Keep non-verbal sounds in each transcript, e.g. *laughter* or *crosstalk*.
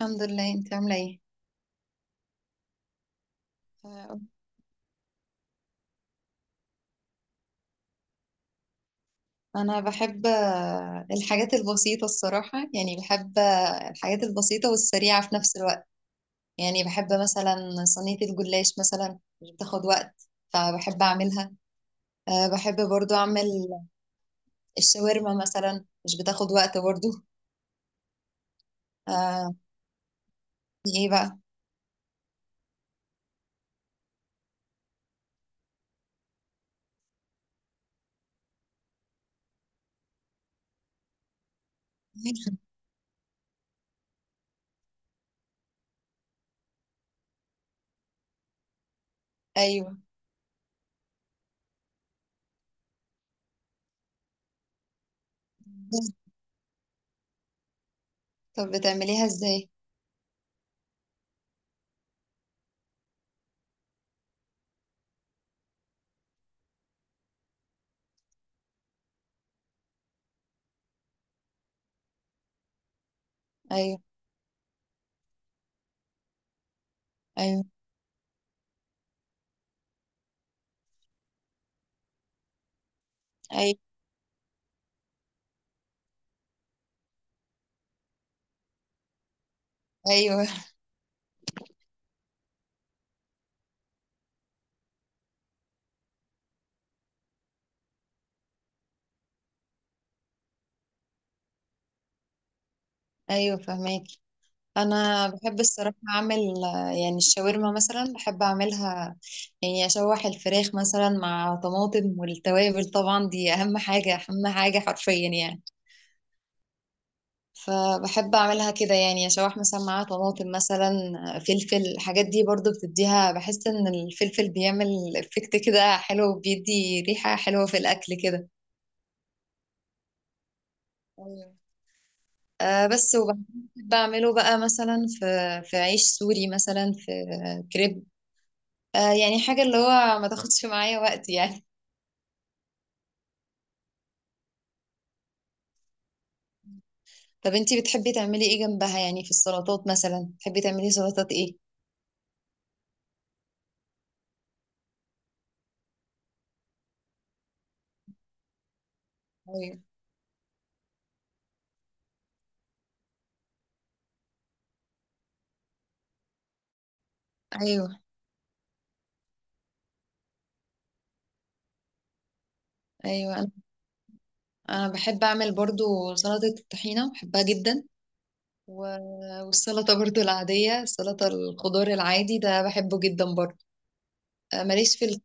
الحمد لله، انت عامله ايه؟ آه، انا بحب الحاجات البسيطه الصراحه، يعني بحب الحاجات البسيطه والسريعه في نفس الوقت. يعني بحب مثلا صينيه الجلاش مثلا، مش بتاخد وقت فبحب اعملها. بحب برضو اعمل الشاورما مثلا، مش بتاخد وقت برضو. أه. ايه بقى؟ *laughs* ايوه. طب بتعمليها ازاي؟ ايوه، ايوه، ايوه، ايوه، ايوه، فهماكي. انا بحب الصراحه اعمل، يعني الشاورما مثلا، بحب اعملها. يعني اشوح الفراخ مثلا مع طماطم، والتوابل طبعا دي اهم حاجه، اهم حاجه حرفيا يعني. فبحب اعملها كده، يعني اشوح مثلا مع طماطم مثلا. فلفل الحاجات دي برضو بتديها، بحس ان الفلفل بيعمل افكت كده حلو، بيدي ريحه حلوه في الاكل كده. أيوة. آه بس وبعمله بقى مثلا في عيش سوري مثلا، في كريب. يعني حاجة اللي هو ما تاخدش معايا وقت يعني. طب انتي بتحبي تعملي ايه جنبها؟ يعني في السلطات مثلا، بتحبي تعملي سلطات ايه؟ ايوه، ايوه، ايوه، انا أنا بحب اعمل برضو سلطة الطحينة، بحبها جدا. والسلطة برضو العادية، سلطة الخضار العادي ده بحبه جدا برضو. آه، ماليش في ال...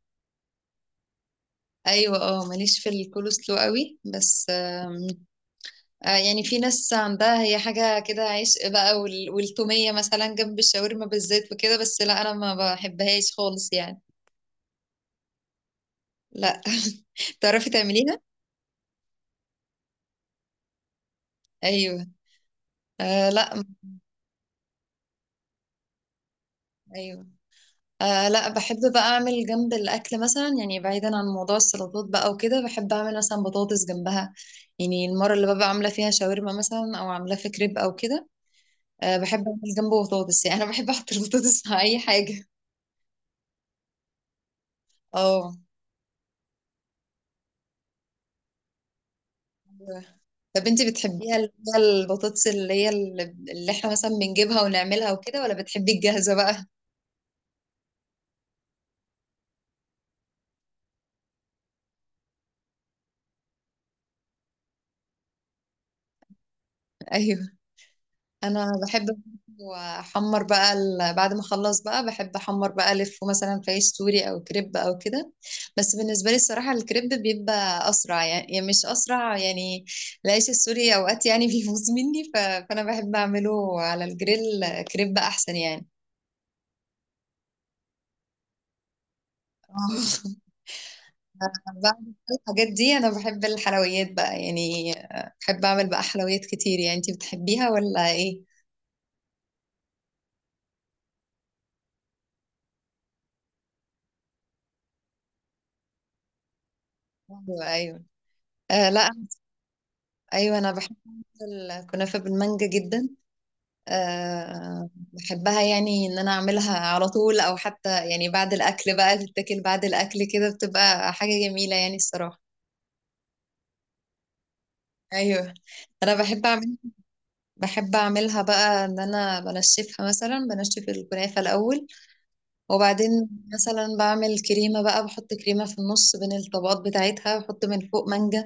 ايوه، اه، ماليش في الكولسلو قوي، بس يعني في ناس عندها هي حاجة كده عشق بقى، والتومية مثلا جنب الشاورما بالزيت وكده، بس لا، أنا ما بحبهاش خالص يعني. لا. *laughs* تعرفي تعمليها؟ أيوه. لا. أيوه. آه لا، بحب بقى أعمل جنب الأكل مثلا، يعني بعيدا عن موضوع السلطات بقى وكده، بحب أعمل مثلا بطاطس جنبها. يعني المرة اللي ببقى عاملة فيها شاورما مثلا أو عاملاه في كريب أو كده، بحب أعمل جنبه بطاطس، يعني أنا بحب أحط البطاطس مع أي حاجة. اه. طب انت بتحبيها اللي هي البطاطس، اللي هي اللي احنا مثلا بنجيبها ونعملها وكده، ولا بتحبي الجاهزة بقى؟ *laughs* ايوه، انا بحب احمر بقى بعد ما اخلص بقى، بحب احمر بقى الف مثلا في عيش سوري او كريب او كده. بس بالنسبة لي الصراحة الكريب بيبقى اسرع، يعني مش اسرع يعني. العيش السوري اوقات يعني *laughs* بيفوز مني، فانا بحب اعمله على الجريل. كريب احسن يعني. *laughs* آه. بعد الحاجات دي، انا بحب الحلويات بقى يعني، بحب اعمل بقى حلويات كتير يعني. انتي بتحبيها ولا ايه؟ ايوه، ايوه. آه، لا. ايوه، انا بحب أعمل الكنافه بالمانجا جدا. بحبها، يعني ان انا اعملها على طول، او حتى يعني بعد الاكل بقى، تتاكل بعد الاكل كده، بتبقى حاجه جميله يعني الصراحه. ايوه، انا بحب اعملها بقى، ان انا بنشفها مثلا، بنشف الكنافه الاول. وبعدين مثلا بعمل كريمة بقى، بحط كريمة في النص بين الطبقات بتاعتها، بحط من فوق مانجا.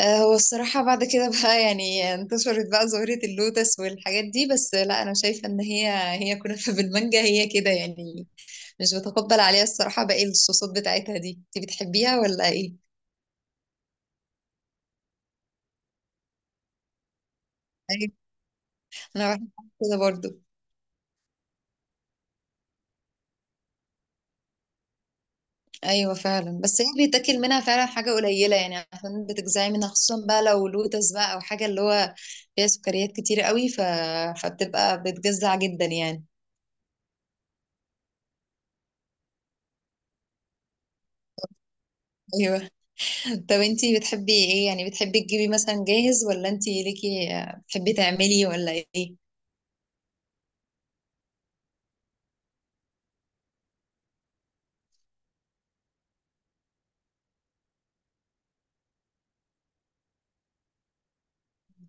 هو الصراحة بعد كده *laughs* بقى، يعني انتشرت بقى ظاهرة اللوتس والحاجات دي، بس لا، أنا شايفة إن هي كنافة *laughs* بالمانجا، هي كده يعني. مش بتقبل عليها الصراحة باقي الصوصات بتاعتها دي، انت بتحبيها ولا ايه؟ أيوة، أنا بحب كده برضو. ايوه فعلا، بس هي بيتاكل منها فعلا حاجه قليله يعني، عشان بتجزعي منها خصوصا بقى لو لوتس بقى، او حاجه اللي هو فيها سكريات كتير قوي، فبتبقى بتجزع جدا يعني. ايوه. *laughs* طب انتي بتحبي ايه؟ يعني بتحبي تجيبي مثلا جاهز، ولا انتي ليكي بتحبي تعملي ولا ايه؟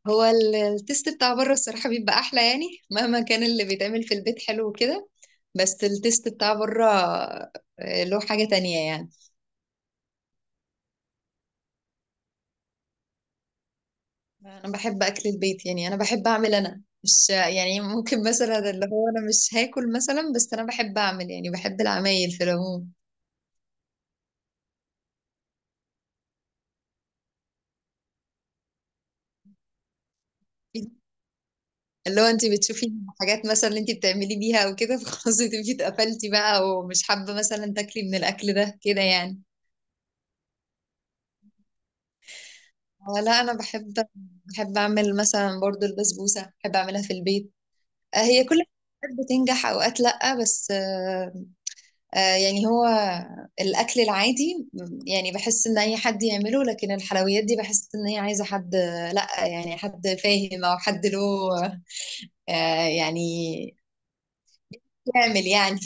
هو التيست بتاع بره الصراحه بيبقى احلى يعني، مهما كان اللي بيتعمل في البيت حلو وكده، بس التيست بتاع بره له حاجه تانية يعني. انا بحب اكل البيت يعني، انا بحب اعمل، انا مش يعني، ممكن مثلا اللي هو انا مش هاكل مثلا، بس انا بحب اعمل يعني، بحب العمايل في العموم. اللي هو انت بتشوفي حاجات مثلا اللي انت بتعملي بيها او كده، فخلاص تبقي اتقفلتي بقى، ومش حابه مثلا تاكلي من الاكل ده كده يعني؟ آه، لا، انا بحب، بحب اعمل مثلا برضو البسبوسه، بحب اعملها في البيت. هي كل حاجات بتنجح اوقات، لا بس يعني هو الأكل العادي يعني بحس إن أي حد يعمله، لكن الحلويات دي بحس إن هي عايزة حد، لأ يعني حد فاهم أو حد له يعني يعمل يعني.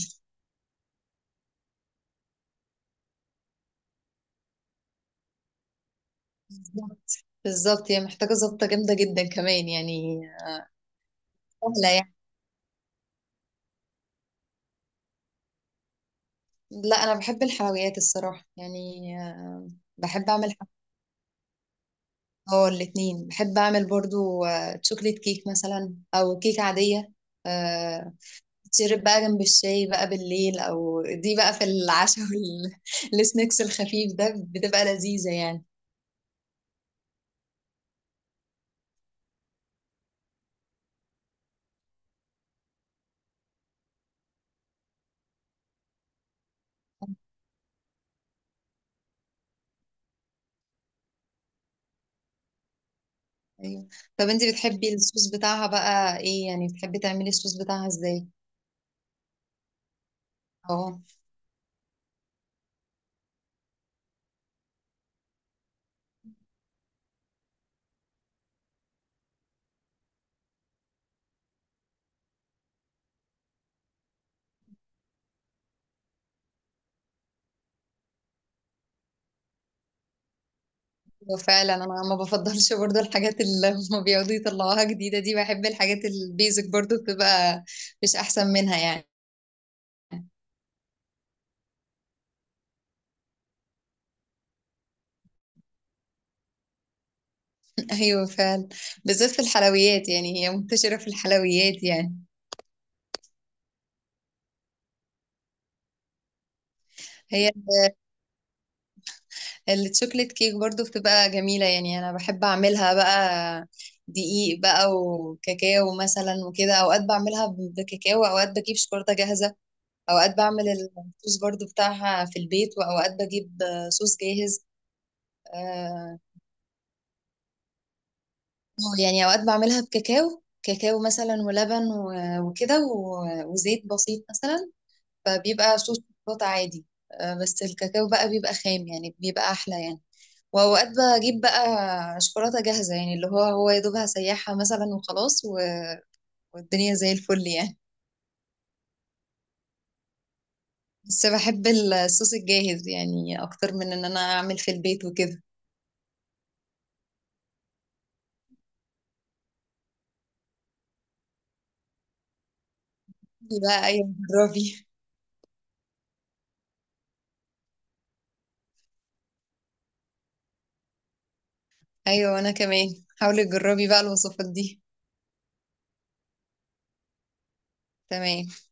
بالظبط، بالظبط هي محتاجة ظبطة جامدة جدا كمان يعني. سهلة يعني. لا، أنا بحب الحلويات الصراحة يعني. آه، بحب أعمل حلويات. اه، الاتنين، بحب أعمل برضو شوكليت كيك مثلا أو كيك عادية. آه، تشرب بقى جنب الشاي بقى بالليل، او دي بقى في العشاء والسناكس *laughs* الخفيف ده، بتبقى لذيذة يعني. ايوه. طب انت بتحبي الصوص بتاعها بقى ايه؟ يعني بتحبي تعملي الصوص بتاعها ازاي؟ اه. هو فعلا انا ما بفضلش برضو الحاجات اللي هما بيقعدوا يطلعوها جديدة دي، بحب الحاجات البيزك برضو، بتبقى مش احسن منها يعني. *laughs* ايوه فعلا، بالذات في الحلويات يعني، هي منتشرة في الحلويات يعني. هي التشوكلت كيك برضو بتبقى جميلة يعني، أنا بحب أعملها بقى. دقيق بقى وكاكاو مثلا وكده، أوقات بعملها بكاكاو، أوقات بجيب شوكولاتة جاهزة. أوقات بعمل الصوص برضو بتاعها في البيت، وأوقات بجيب صوص جاهز. آه، يعني أوقات بعملها بكاكاو، كاكاو مثلا ولبن وكده وزيت بسيط مثلا. فبيبقى صوص شوكولاتة عادي. بس الكاكاو بقى بيبقى خام يعني، بيبقى أحلى يعني. واوقات بجيب بقى شوكولاته جاهزه يعني، اللي هو يا دوبها سيحها مثلا وخلاص، والدنيا زي الفل يعني. بس بحب الصوص الجاهز يعني اكتر من ان انا اعمل في البيت وكده. دي بقى، ايوه، جربي. ايوه، وانا كمان. حاولي تجربي بقى الوصفات دي. تمام.